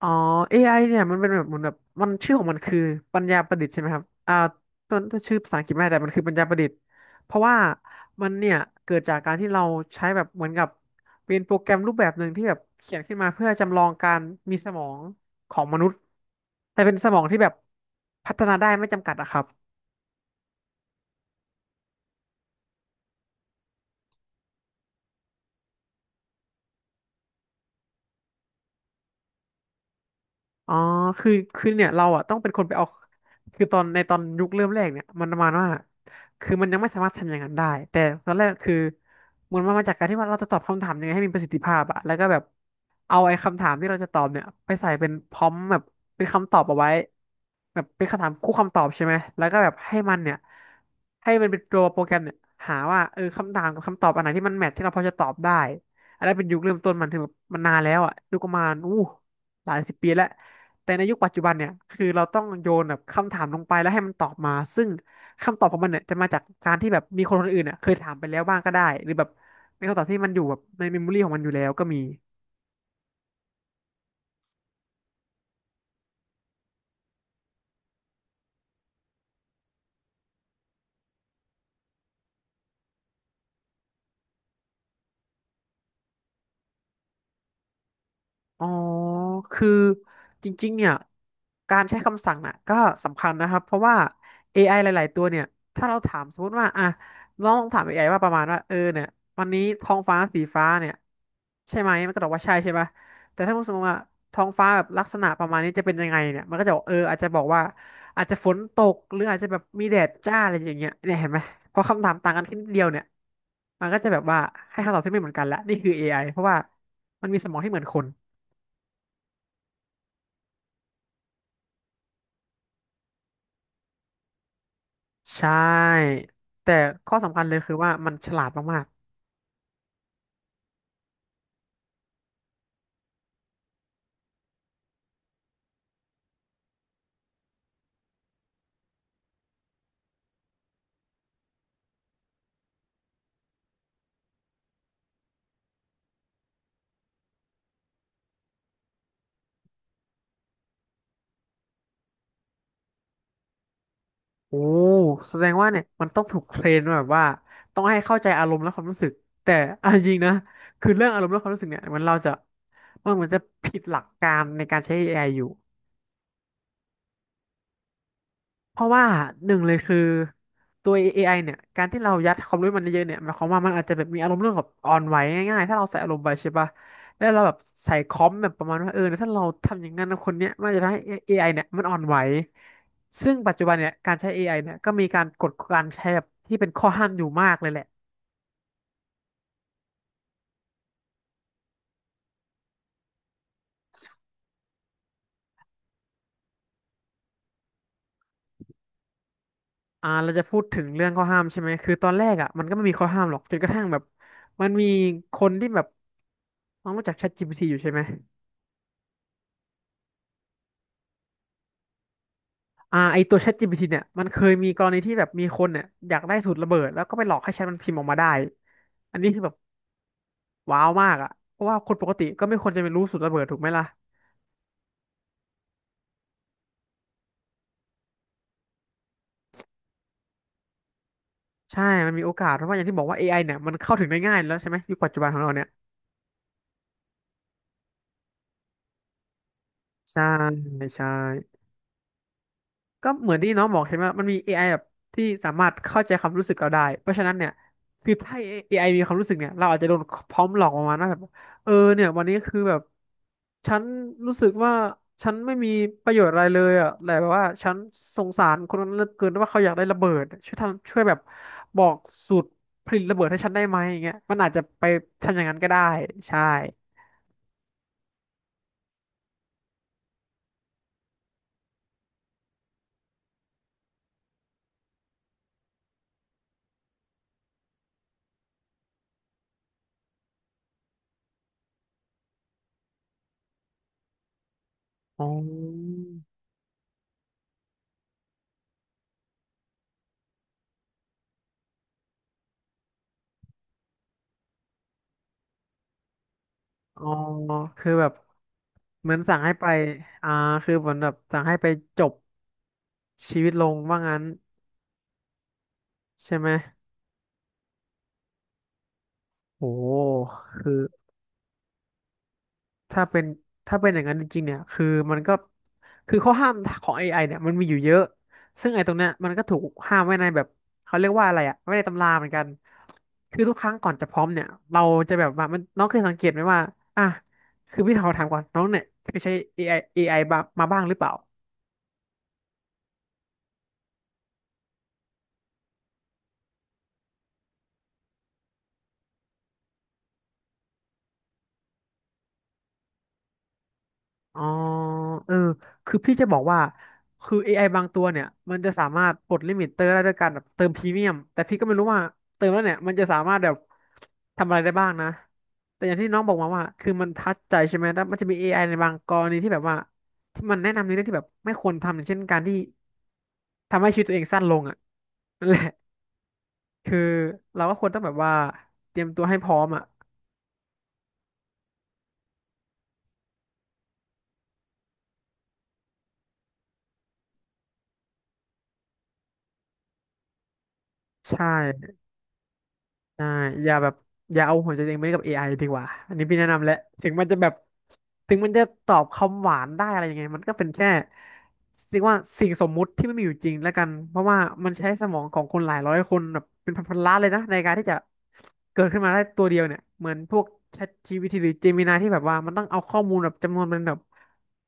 อ๋อ AI เนี่ยมันเป็นแบบเหมือนแบบมันชื่อของมันคือปัญญาประดิษฐ์ใช่ไหมครับต้นชื่อภาษาอังกฤษไม่ได้แต่มันคือปัญญาประดิษฐ์เพราะว่ามันเนี่ยเกิดจากการที่เราใช้แบบเหมือนกับเป็นโปรแกรมรูปแบบหนึ่งที่แบบเขียนขึ้นมาเพื่อจำลองการมีสมองของมนุษย์แต่เป็นสมองที่แบบพัฒนาได้ไม่จำกัดอะครับ อ๋อคือเนี่ยเราอ่ะต้องเป็นคนไปเอาคือตอนในตอนยุคเริ่มแรกเนี่ยมันประมาณว่าคือมันยังไม่สามารถทำอย่างนั้นได้แต่ตอนแรกคือมันมาจากการที่ว่าเราจะตอบคำถามยังไงให้มีประสิทธิภาพอะแล้วก็แบบเอาไอ้คำถามที่เราจะตอบเนี่ยไปใส่เป็นพร้อมแบบเป็นคำตอบเอาไว้แบบเป็นคำถามคู่คำตอบใช่ไหมแล้วก็แบบให้มันเนี่ยให้มันเป็นตัวโปรแกรมเนี่ยหาว่าเออคำถามกับคำตอบอันไหนที่มันแมทที่เราพอจะตอบได้อันนั้นเป็นยุคเริ่มต้นมันถึงแบบมันนานแล้วอะยุคประมาณอู้หลายสิบปีแล้ว แต่ในยุคปัจจุบันเนี่ย คือเราต้องโยนแบบคำถามลงไปแล้วให้มันตอบมา ซึ่งคำตอบของมันเนี่ยจะมาจากการที่แบบมีคนอื่นเนี่ยเคยถามไปแล้วบ้างก็ได้ หรือแบบเป็นคำตอบที่มันอยู่แบบในเมมโมรี่ของมันอยู่แล้วก็มี อ๋อคือจริงๆเนี่ย การใช้คำสั่งน่ะก็สำคัญนะครับ เพราะว่า AI หลายๆตัวเนี่ย ถ้าเราถามสมมติว่าอ่ะลองถาม AI ว่าประมาณว่าเออเนี่ยวันนี้ท้องฟ้าสีฟ้าเนี่ยใช่ไหมมันก็ตอบว่าใช่ปะแต่ถ้าสมมติว่าท้องฟ้าแบบลักษณะประมาณนี้จะเป็นยังไงเนี่ยมันก็จะบอกเอออาจจะบอกว่าอาจจะฝนตกหรืออาจจะแบบมีแดดจ้าอะไรอย่างเงี้ยเนี่ยเห็นไหมพอคำถามต่างกันแค่นิดเดียวเนี่ยมันก็จะแบบว่าให้คำตอบที่ไม่เหมือนกันละนี่คือ AI เพราะว่ามันมีสมองที่เหมือนคน ใช่แต่ข้อสำคัญเลยคือว่ามันฉลาดมากๆโอ้แสดงว่าเนี่ยมันต้องถูกเทรนมาแบบว่าต้องให้เข้าใจอารมณ์และความรู้สึกแต่เอาจริงๆนะคือเรื่องอารมณ์และความรู้สึกเนี่ยเราจะมันเหมือนจะผิดหลักการในการใช้ AI อไออยู่ เพราะว่าหนึ่งเลยคือตัว AI เนี่ยการที่เรายัดความรู้มันเยอะๆเนี่ยหมายความว่ามันอาจจะแบบมีอารมณ์เรื่องแบบออนไหวง่ายๆถ้าเราใส่อารมณ์ไปใช่ปะแล้วเราแบบใส่คอมแบบประมาณว่าเออถ้าเราทำอย่างนั้นนะคนเนี้ยมันจะทำให้ AI เนี่ยมันออนไหวซึ่งปัจจุบันเนี่ยการใช้ AI เนี่ยก็มีการกฎการใช้แบบที่เป็นข้อห้ามอยู่มากเลยแหละเราจะพูดถึงเรื่องข้อห้ามใช่ไหมคือตอนแรกอ่ะมันก็ไม่มีข้อห้ามหรอกจนกระทั่งแบบมันมีคนที่แบบน้องรู้จัก ChatGPT อยู่ใช่ไหม อ่าไอตัว ChatGPT เนี่ยมันเคยมีกรณีที่แบบมีคนเนี่ยอยากได้สูตรระเบิดแล้วก็ไปหลอกให้แชทมันพิมพ์ออกมาได้ อันนี้คือแบบว้าวมากอ่ะเพราะว่าคนปกติก็ไม่ควรจะไปรู้สูตรระเบิดถูกไหมล่ะใช่มันมีโอกาสเพราะว่าอย่างที่บอกว่า AI เนี่ยมันเข้าถึงได้ง่ายแล้วใช่ไหมยุคปัจจุบันของเราเนี่ยใช่ใช่ ก็เหมือนที่น้องบอกเห็นว่ามันมี AI แบบที่สามารถเข้าใจความรู้สึกเราได้เพราะฉะนั้นเนี่ยคือถ้า AI มีความรู้สึกเนี่ยเราอาจจะโดนพร้อมหลอกประมาณว่าแบบเออเนี่ยวันนี้คือแบบฉันรู้สึกว่าฉันไม่มีประโยชน์อะไรเลยอ่ะแต่แบบว่าฉันสงสารคนนั้นเหลือเกินว่าเขาอยากได้ระเบิดช่วยทำช่วยแบบบอกสูตรผลิตระเบิดให้ฉันได้ไหมอย่างเงี้ยมันอาจจะไปทำอย่างนั้นก็ได้ใช่อ๋ออ๋อคือแบบ เหมือนสั่งให้ไปอ่าคือเหมือนแบบสั่งให้ไปจบชีวิตลงว่างั้นใช่ไหมโอ้โหคือถ้าเป็นถ้าเป็นอย่างนั้นจริงๆเนี่ยคือมันก็คือข้อห้ามของ AI เนี่ยมันมีอยู่เยอะ ซึ่งไอ้ตรงเนี้ยมันก็ถูกห้ามไว้ในแบบเขาเรียกว่าอะไรไว้ในตำราเหมือนกันคือทุกครั้งก่อนจะพร้อมเนี่ยเราจะแบบว่ามันน้องเคยสังเกตไหมว่าอ่ะคือพี่ขอถามก่อนน้องเนี่ยเคยใช้ a อไอเอไอบ้างมาบ้างหรือเปล่า อ๋อเออคือพี่จะบอกว่าคือ AI บางตัวเนี่ยมันจะสามารถปลดลิมิตเตอร์ได้ด้วยการแบบเติมพรีเมียมแต่พี่ก็ไม่รู้ว่าเติมแล้วเนี่ยมันจะสามารถแบบทำอะไรได้บ้างนะแต่อย่างที่น้องบอกมาว่าคือมันทัดใจใช่ไหมแล้วมันจะมี a อไอในบางกรณีที่แบบว่าที่มันแนะนำในเรื่องที่แบบไม่ควรทำอย่างเช่นการที่ทำให้ชีวิตตัวเองสั้นลงอ่ะนั่นแหละคือเราก็ควรต้องแบบว่าเตรียมตัวให้พร้อมอ่ะใช่ ใช่อย่าแบบอย่าเอาหัวใจตัวเองไปเล่นกับ AI ดีกว่าอันนี้พี่แนะนำแหละถึงมันจะแบบถึงมันจะตอบคำหวานได้อะไรยังไงมันก็เป็นแค่เรียกว่าสิ่งสมมุติที่ไม่มีอยู่จริงแล้วกัน เพราะว่ามันใช้สมองของคนหลายร้อยคนแบบเป็นพันๆล้านเลยนะในการที่จะเกิดขึ้นมาได้ตัวเดียวเนี่ย เหมือนพวก ChatGPT หรือ Gemini ที่แบบว่ามันต้องเอาข้อมูลแบบจำนวนมันแบบ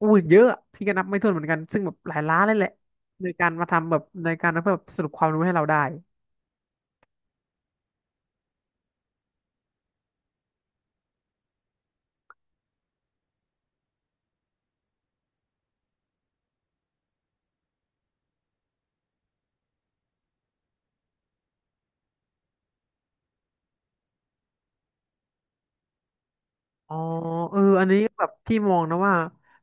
อู้เยอะอะพี่ก็นับไม่ถ้วนเหมือนกันซึ่งแบบหลายล้านเลยแหละในการมาทำแบบในการมาเพื่อแบบสรุปความรู้ให้เราได้ อ๋อเอออันนี้แบบพี่มองนะว่า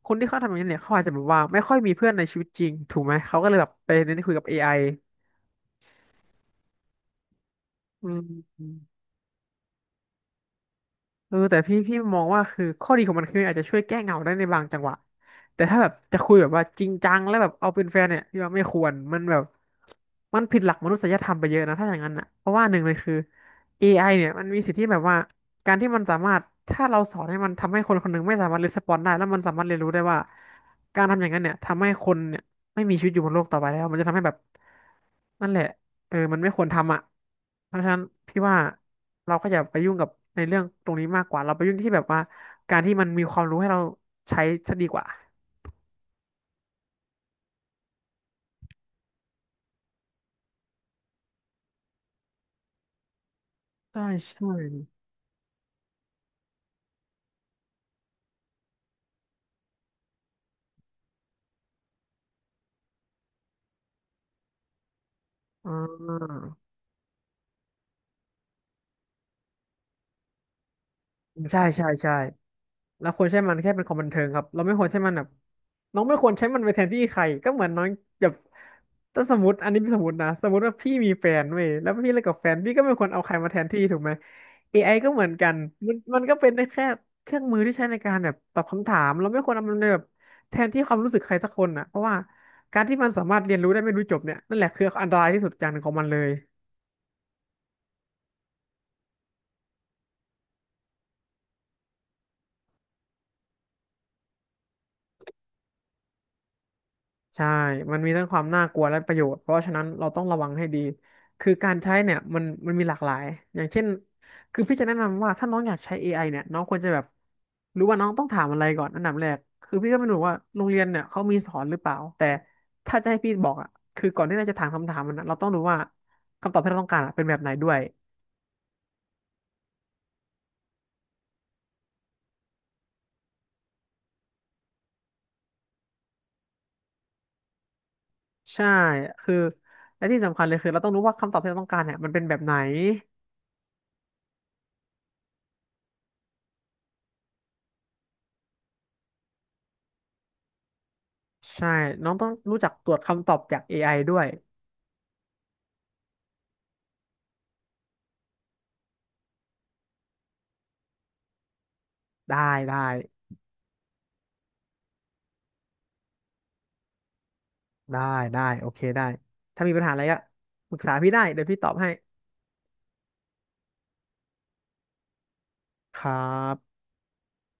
คนที่เขาทำอย่างนี้เนี่ยเขาอาจจะแบบว่าไม่ค่อยมีเพื่อนในชีวิตจริงถูกไหมเขาก็เลยแบบไปเน้นคุยกับ AI อไออืม เออแต่พี่มองว่าคือข้อดีของมันคืออาจจะช่วยแก้เหงาได้ในบางจังหวะแต่ถ้าแบบจะคุยแบบว่าจริงจังแล้วแบบเอาเป็นแฟนเนี่ยพี่ว่าไม่ควรมันแบบมันผิดหลักมนุษยธรรมไปเยอะนะถ้าอย่างนั้นอ่ะเพราะว่าหนึ่งเลยคือ AI เนี่ยมันมีสิทธิแบบว่าการที่มันสามารถถ้าเราสอนให้มันทำให้คนคนหนึ่งไม่สามารถรีสปอนได้แล้วมันสามารถเรียนรู้ได้ว่าการทำอย่างนั้นเนี่ยทำให้คนเนี่ยไม่มีชีวิตอยู่บนโลกต่อไปแล้วมันจะทำให้แบบนั่นแหละ เออมันไม่ควรทำอ่ะเพราะฉะนั้นพี่ว่าเราก็อย่าไปยุ่งกับในเรื่องตรงนี้มากกว่า เราไปยุ่งที่แบบว่าการที่มันมีความรู้ให้เราใช้ซะดีกว่าใช่ใช่อ่าใช่ใช่ใช่ เราควรใช้มันแค่เป็นความบันเทิงครับเราไม่ควรใช้มันแบบน้องไม่ควรใช้มันไปแทนที่ใครก็เหมือนน้องแบบถ้าสมมติอันนี้เป็นสมมตินะสมมติว่าพี่มีแฟนเว้ยแล้วพี่เลิกกับแฟนพี่ก็ไม่ควรเอาใครมาแทนที่ถูกไหม AI ก็เหมือนกันมันก็เป็นได้แค่เครื่องมือที่ใช้ในการแบบตอบคำถามเราไม่ควรเอามันไปแบบแทนที่ความรู้สึกใครสักคนน่ะเพราะว่าการที่มันสามารถเรียนรู้ได้ไม่รู้จบเนี่ยนั่นแหละคืออันตรายที่สุดอย่างหนึ่งของมันเลย ใช่ มันมีทั้งความน่ากลัวและประโยชน์เพราะฉะนั้นเราต้องระวังให้ดี คือการใช้เนี่ยมันมีหลากหลายอย่างเช่นคือพี่จะแนะนำว่าถ้าน้องอยากใช้ AI เนี่ยน้องควรจะแบบรู้ว่าน้องต้องถามอะไรก่อนอันดับแรกคือพี่ก็ไม่รู้ว่าโรงเรียนเนี่ยเขามีสอนหรือเปล่า แต่ถ้าจะให้พี่บอกอ่ะคือก่อนที่เราจะถามคำถามมันนะเราต้องรู้ว่าคำตอบที่เราต้องการอะเป็นแบบไหนด้วยใช่คือและที่สำคัญเลยคือเราต้องรู้ว่าคำตอบที่เราต้องการเนี่ยมันเป็นแบบไหนใช่น้องต้องรู้จักตรวจคำตอบจากเอไอด้วยได้ได้ ได้ได้โอเคได้ถ้ามีปัญหาอะไรก็ปรึกษาพี่ได้เดี๋ยวพี่ตอบให้ครับ